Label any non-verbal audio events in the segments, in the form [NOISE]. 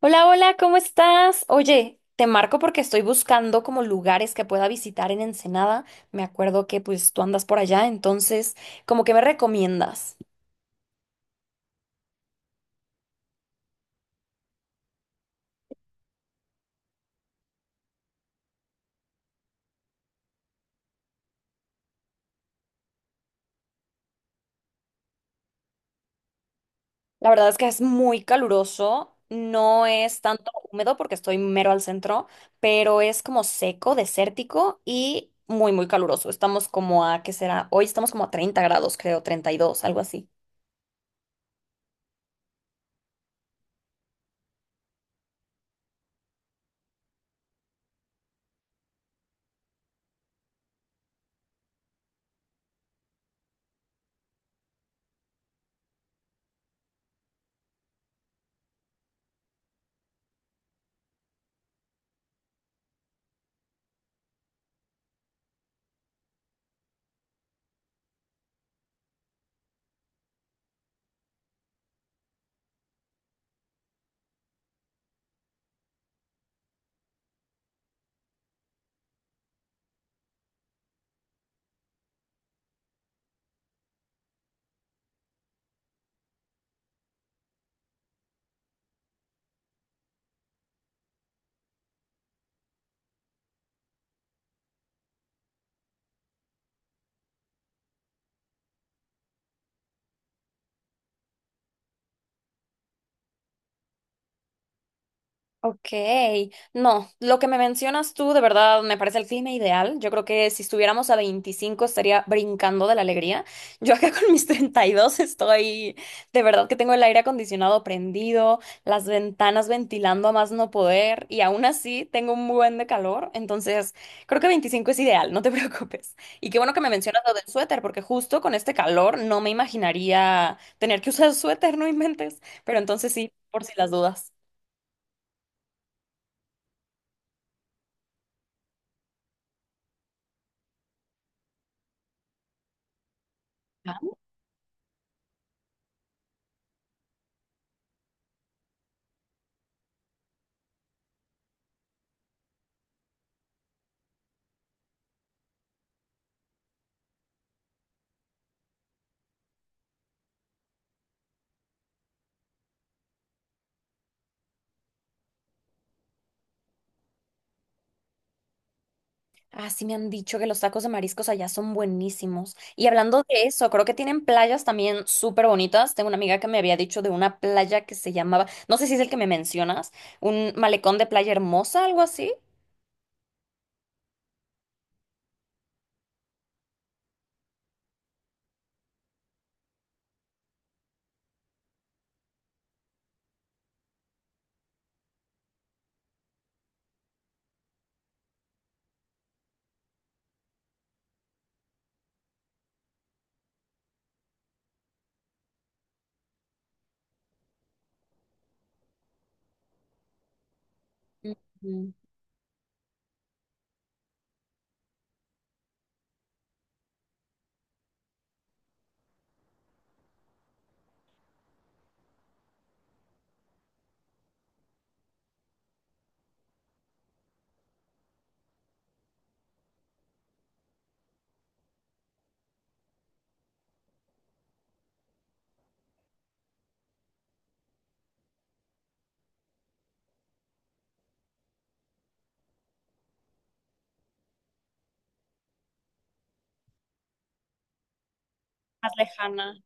Hola, hola, ¿cómo estás? Oye, te marco porque estoy buscando como lugares que pueda visitar en Ensenada. Me acuerdo que pues tú andas por allá, entonces, ¿como que me recomiendas? La verdad es que es muy caluroso, no es tanto húmedo porque estoy mero al centro, pero es como seco, desértico y muy, muy caluroso. Estamos como a, ¿qué será? Hoy estamos como a 30 grados, creo, 32, algo así. Ok, no, lo que me mencionas tú de verdad me parece el clima ideal. Yo creo que si estuviéramos a 25 estaría brincando de la alegría. [LAUGHS] Yo acá con mis 32 estoy, de verdad que tengo el aire acondicionado prendido, las ventanas ventilando a más no poder y aún así tengo un buen de calor. Entonces, creo que 25 es ideal, no te [LAUGHS] preocupes. Y qué bueno que me mencionas lo del suéter, porque justo con este calor no me imaginaría tener que usar suéter, no inventes. Pero entonces sí, por si las dudas. Ah, sí me han dicho que los tacos de mariscos allá son buenísimos. Y hablando de eso, creo que tienen playas también súper bonitas. Tengo una amiga que me había dicho de una playa que se llamaba, no sé si es el que me mencionas, un malecón de playa hermosa, algo así. Ujú. Más lejana.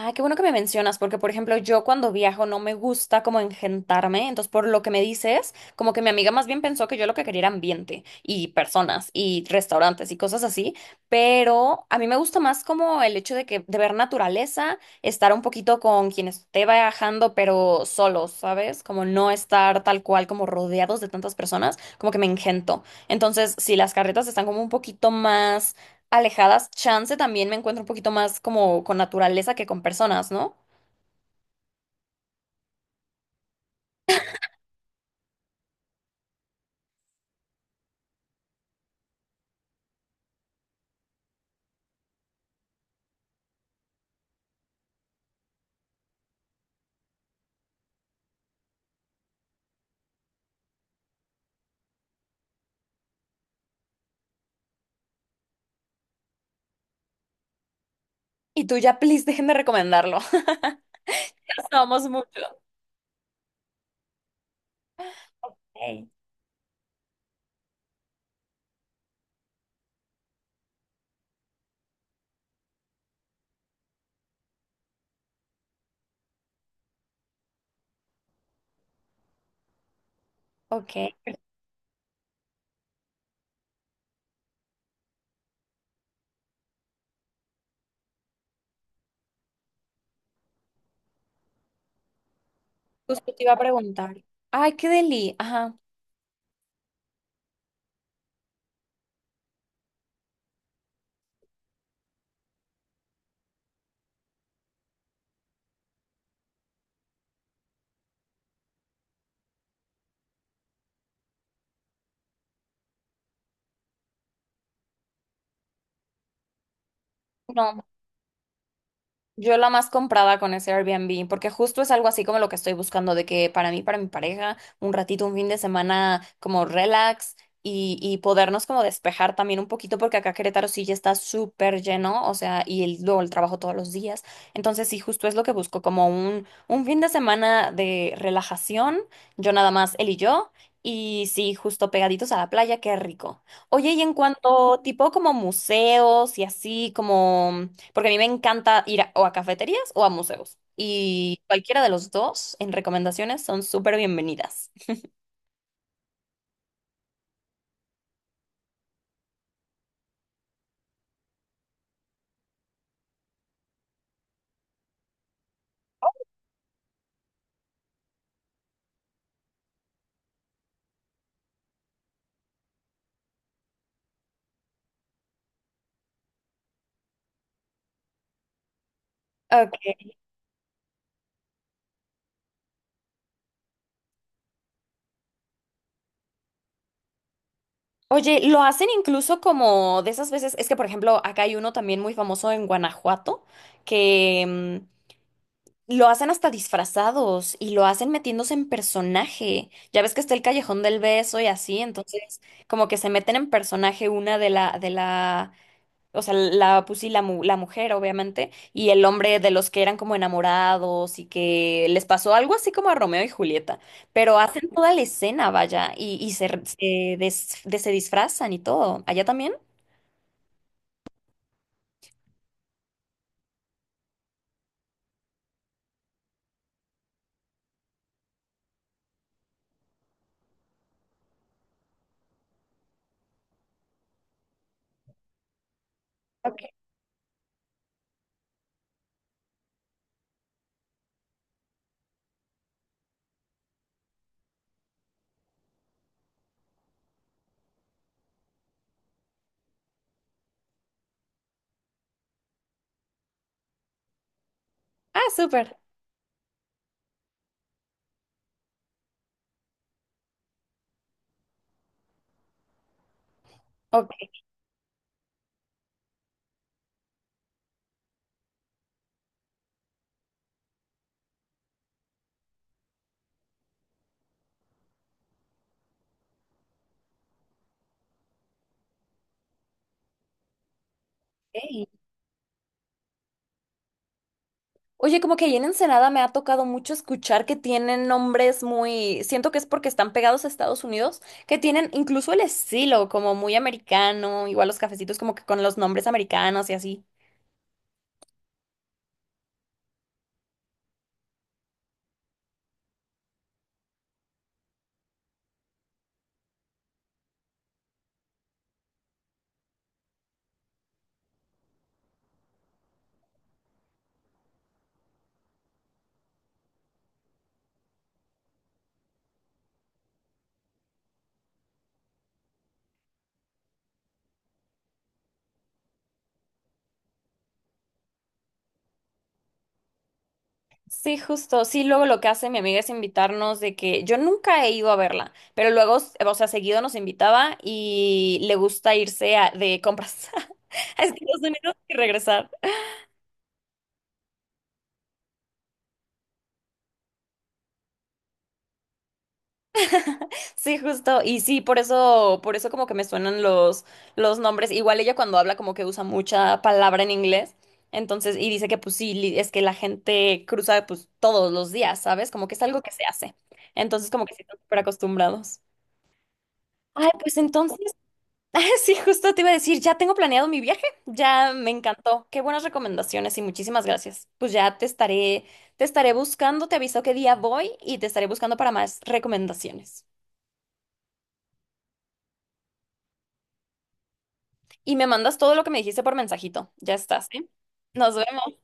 Ah, qué bueno que me mencionas, porque por ejemplo, yo cuando viajo no me gusta como engentarme, entonces por lo que me dices, como que mi amiga más bien pensó que yo lo que quería era ambiente y personas y restaurantes y cosas así, pero a mí me gusta más como el hecho de que de ver naturaleza, estar un poquito con quien esté viajando, pero solos, ¿sabes? Como no estar tal cual como rodeados de tantas personas, como que me engento. Entonces, si las carretas están como un poquito más alejadas, chance también me encuentro un poquito más como con naturaleza que con personas, ¿no? Y tú ya, [LAUGHS] please, déjenme recomendarlo. [LAUGHS] Ya somos muchos. Ey. Ok. Justo te iba a preguntar. Ay, qué deli. Ajá. No. Yo la más comprada con ese Airbnb, porque justo es algo así como lo que estoy buscando, de que para mí, para mi pareja, un ratito, un fin de semana como relax y podernos como despejar también un poquito, porque acá Querétaro sí ya está súper lleno, o sea, y luego el trabajo todos los días. Entonces sí, justo es lo que busco, como un, fin de semana de relajación, yo nada más, él y yo, y sí, justo pegaditos a la playa, qué rico. Oye, y en cuanto tipo como museos y así como... Porque a mí me encanta ir o a cafeterías o a museos. Y cualquiera de los dos en recomendaciones son súper bienvenidas. Ok. Oye, lo hacen incluso como de esas veces, es que por ejemplo acá hay uno también muy famoso en Guanajuato, que lo hacen hasta disfrazados y lo hacen metiéndose en personaje. Ya ves que está el Callejón del Beso y así, entonces como que se meten en personaje una de la. O sea, la, pues sí, la, la mujer, obviamente, y el hombre de los que eran como enamorados y que les pasó algo así como a Romeo y Julieta, pero hacen toda la escena, vaya, y se, r- se, des- de- se disfrazan y todo. ¿Allá también? Ok. Ah, súper. Ok. Oye, como que ahí en Ensenada me ha tocado mucho escuchar que tienen nombres muy, siento que es porque están pegados a Estados Unidos, que tienen incluso el estilo como muy americano, igual los cafecitos como que con los nombres americanos y así. Sí, justo. Sí, luego lo que hace mi amiga es invitarnos de que yo nunca he ido a verla, pero luego, o sea, seguido nos invitaba y le gusta irse de compras [LAUGHS] a Estados Unidos y regresar. Sí, justo. Y sí, por eso como que me suenan los nombres. Igual ella cuando habla como que usa mucha palabra en inglés. Entonces, y dice que pues sí, es que la gente cruza pues todos los días, ¿sabes? Como que es algo que se hace. Entonces, como que sí están súper acostumbrados. Ay, pues entonces. [LAUGHS] Sí, justo te iba a decir, ya tengo planeado mi viaje, ya me encantó. Qué buenas recomendaciones y muchísimas gracias. Pues ya te estaré buscando, te aviso qué día voy y te estaré buscando para más recomendaciones. Y me mandas todo lo que me dijiste por mensajito. Ya estás, ¿eh? Nos vemos.